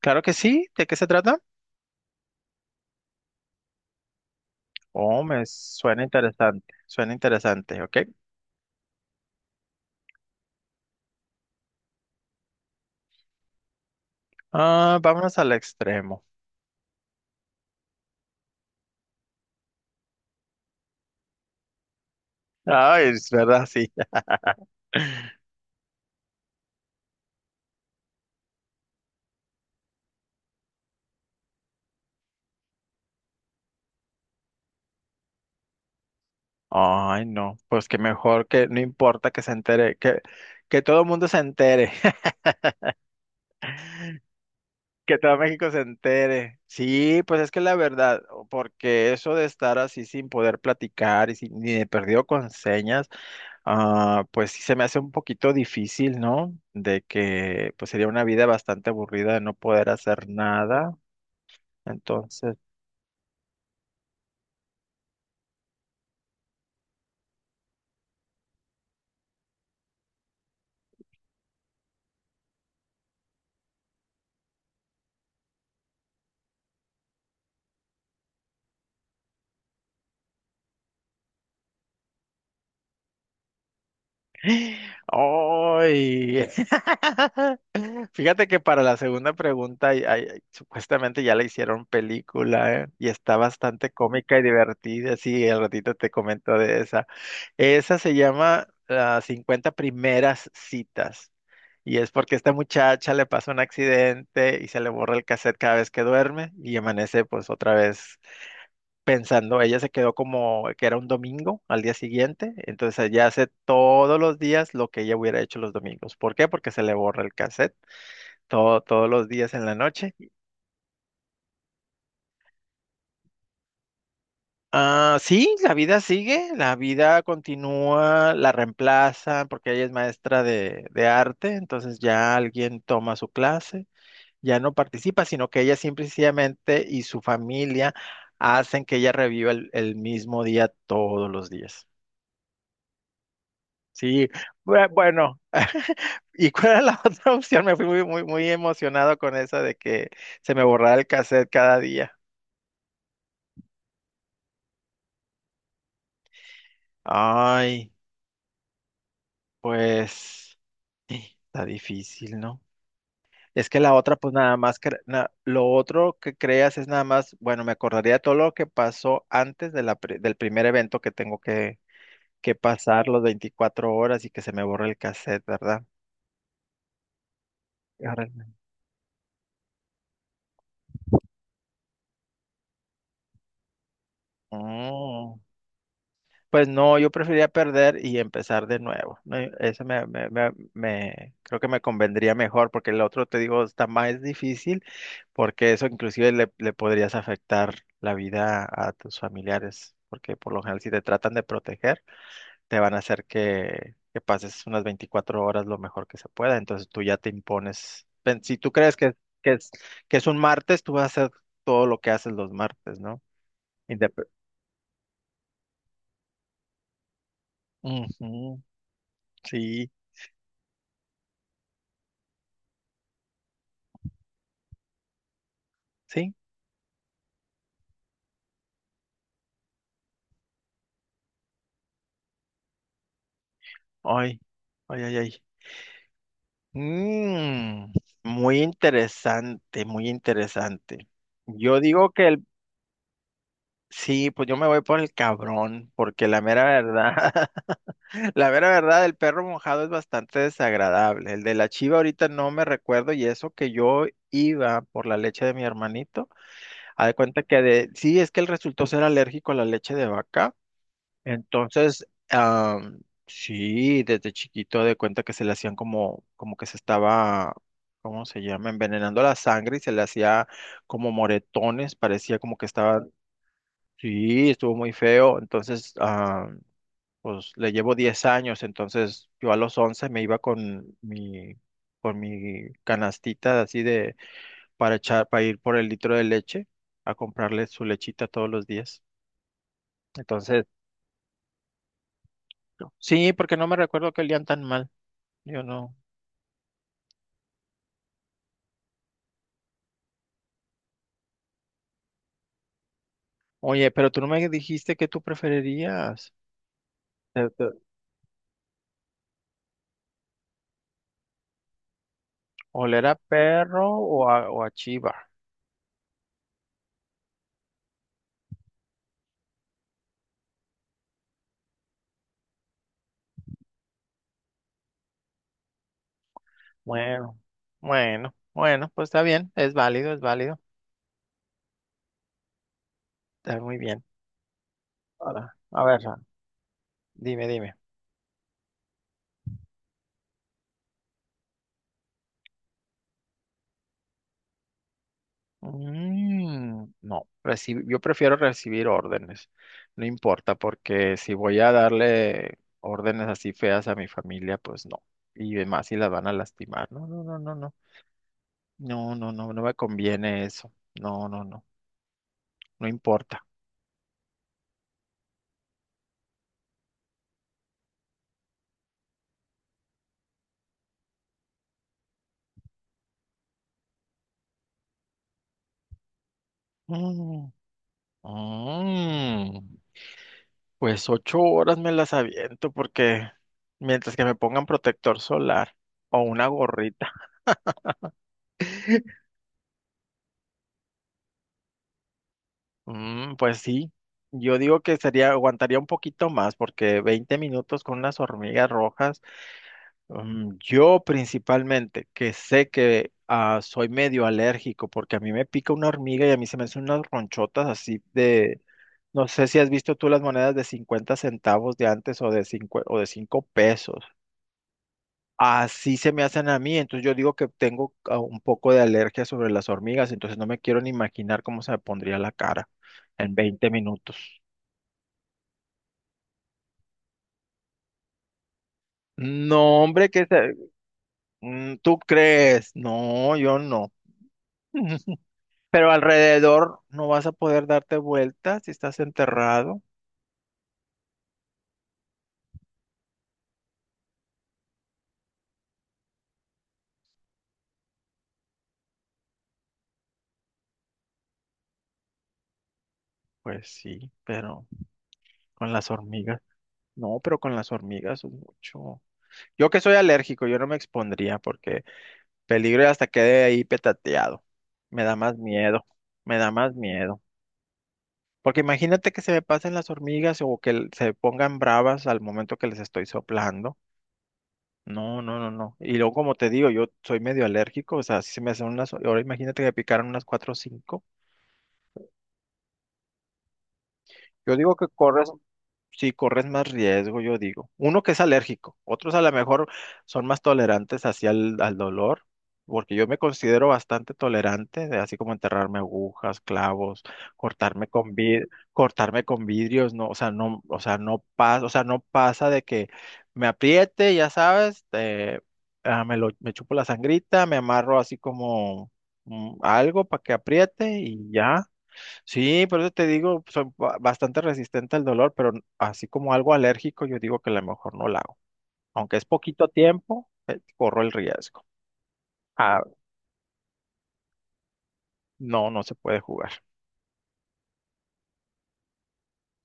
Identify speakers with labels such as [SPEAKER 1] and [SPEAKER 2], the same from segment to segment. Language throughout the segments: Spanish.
[SPEAKER 1] Claro que sí. ¿De qué se trata? Oh, me suena interesante. Suena interesante, ¿ok? Ah, vámonos al extremo. Ay, es verdad, sí. Ay, no. Pues que mejor que no importa que se entere, que todo el mundo se entere, que todo México se entere. Sí, pues es que la verdad, porque eso de estar así sin poder platicar y sin, ni de perdido con señas, ah, pues sí se me hace un poquito difícil, ¿no? De que pues sería una vida bastante aburrida de no poder hacer nada. Entonces, ¡ay! Fíjate que para la segunda pregunta, ay, ay, ay, supuestamente ya la hicieron película, ¿eh? Y está bastante cómica y divertida. Sí, al ratito te comento de esa. Esa se llama Las 50 primeras citas. Y es porque esta muchacha le pasa un accidente y se le borra el cassette cada vez que duerme y amanece pues otra vez pensando, ella se quedó como que era un domingo al día siguiente, entonces ella hace todos los días lo que ella hubiera hecho los domingos. ¿Por qué? Porque se le borra el cassette todo, todos los días en la noche. Ah, sí, la vida sigue, la vida continúa, la reemplaza, porque ella es maestra de arte, entonces ya alguien toma su clase, ya no participa, sino que ella simple y sencillamente y su familia hacen que ella reviva el mismo día todos los días. Sí, bueno, ¿y cuál era la otra opción? Me fui muy, muy, muy emocionado con esa de que se me borrara el cassette cada día. Ay, pues está difícil, ¿no? Es que la otra, pues nada más, lo otro que creas es nada más, bueno, me acordaría todo lo que pasó antes de la del primer evento que tengo que pasar los 24 horas y que se me borre el cassette, ¿verdad? Órale. Pues no, yo prefería perder y empezar de nuevo. No, eso creo que me convendría mejor, porque el otro, te digo, está más difícil, porque eso inclusive le podrías afectar la vida a tus familiares, porque por lo general si te tratan de proteger, te van a hacer que pases unas 24 horas lo mejor que se pueda. Entonces tú ya te impones. Si tú crees que, que es, que es un martes, tú vas a hacer todo lo que haces los martes, ¿no? Indep- Ujú, sí, sí. Ay, ay, ay, ay. Mm, muy interesante, muy interesante. Yo digo que sí, pues yo me voy por el cabrón, porque la mera verdad, la mera verdad, el perro mojado es bastante desagradable. El de la chiva ahorita no me recuerdo y eso que yo iba por la leche de mi hermanito, haz de cuenta que de, sí, es que él resultó ser alérgico a la leche de vaca. Entonces, sí, desde chiquito de cuenta que se le hacían como, como que se estaba, ¿cómo se llama? Envenenando la sangre y se le hacía como moretones, parecía como que estaba, sí, estuvo muy feo. Entonces, pues le llevo 10 años, entonces yo a los 11 me iba con mi canastita así de, para echar, para ir por el litro de leche a comprarle su lechita todos los días. Entonces, sí, porque no me recuerdo que olían tan mal. Yo no. Oye, pero tú no me dijiste que tú preferirías. Te- te- ¿Oler a perro o a chiva? Bueno, bueno, bueno, pues está bien, es válido, es válido. Está muy bien. Ahora, a ver, Ran, dime, dime. Mm, no, yo prefiero recibir órdenes. No importa, porque si voy a darle órdenes así feas a mi familia, pues no. Y más si las van a lastimar. No, no, no, no, no. No, no, no, no me conviene eso. No, no, no. No importa. Mm, mm, pues 8 horas me las aviento porque mientras que me pongan protector solar o una gorrita. Mm, pues sí, yo digo que sería, aguantaría un poquito más porque 20 minutos con unas hormigas rojas. Mm, yo principalmente, que sé que soy medio alérgico porque a mí me pica una hormiga y a mí se me hacen unas ronchotas así de, no sé si has visto tú las monedas de 50 centavos de antes o de 5 o de 5 pesos. Así se me hacen a mí, entonces yo digo que tengo un poco de alergia sobre las hormigas, entonces no me quiero ni imaginar cómo se me pondría la cara en 20 minutos. No, hombre, ¿tú crees? No, yo no. Pero alrededor no vas a poder darte vueltas si estás enterrado. Pues sí, pero con las hormigas. No, pero con las hormigas es mucho. Yo que soy alérgico, yo no me expondría porque peligro y hasta quede ahí petateado. Me da más miedo, me da más miedo. Porque imagínate que se me pasen las hormigas o que se pongan bravas al momento que les estoy soplando. No, no, no, no. Y luego, como te digo, yo soy medio alérgico, o sea, si se me hacen unas, ahora imagínate que me picaron unas cuatro o cinco. Yo digo que corres. Sí, corres más riesgo, yo digo. Uno que es alérgico, otros a lo mejor son más tolerantes hacia al dolor, porque yo me considero bastante tolerante, de así como enterrarme agujas, clavos, cortarme con vidrios, no, o sea, no, o sea, no pasa, o sea, no pasa de que me apriete, ya sabes, me chupo la sangrita, me amarro así como mm, algo para que apriete y ya. Sí, por eso te digo, soy bastante resistente al dolor, pero así como algo alérgico, yo digo que a lo mejor no la hago. Aunque es poquito tiempo, corro el riesgo. Ah, no, no se puede jugar.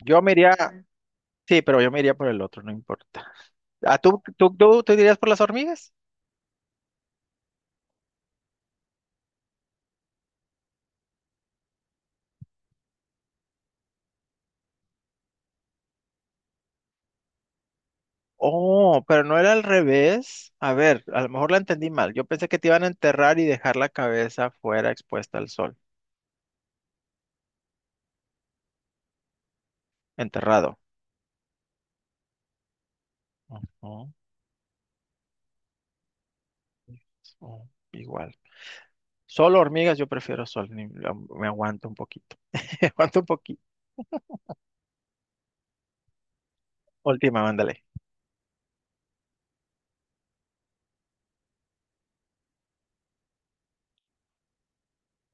[SPEAKER 1] Yo me iría, ah, sí, pero yo me iría por el otro, no importa. Ah, ¿tú te dirías por las hormigas? Oh, pero no era al revés. A ver, a lo mejor la entendí mal. Yo pensé que te iban a enterrar y dejar la cabeza fuera expuesta al sol, enterrado. Ujú, ujú, igual. Solo hormigas, yo prefiero sol, me aguanto un poquito. Me aguanto un poquito. Última, mándale.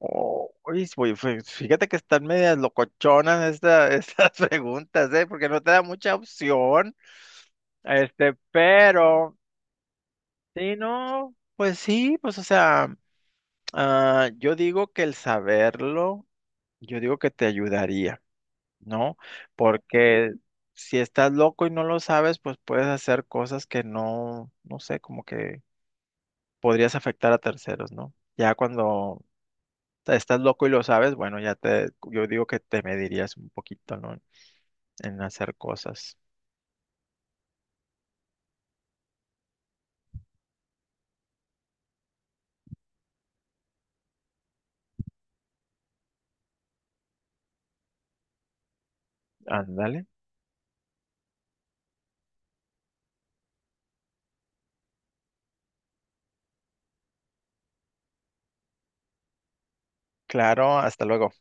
[SPEAKER 1] Oh, uy, fíjate que están medias locochonas estas preguntas, ¿eh? Porque no te da mucha opción. Este, pero, sí, no, pues sí, pues o sea, yo digo que el saberlo, yo digo que te ayudaría, ¿no? Porque si estás loco y no lo sabes, pues puedes hacer cosas que no, no sé, como que podrías afectar a terceros, ¿no? Ya cuando estás loco y lo sabes, bueno, ya te, yo digo que te medirías un poquito, ¿no? En hacer cosas. Ándale. Claro, hasta luego.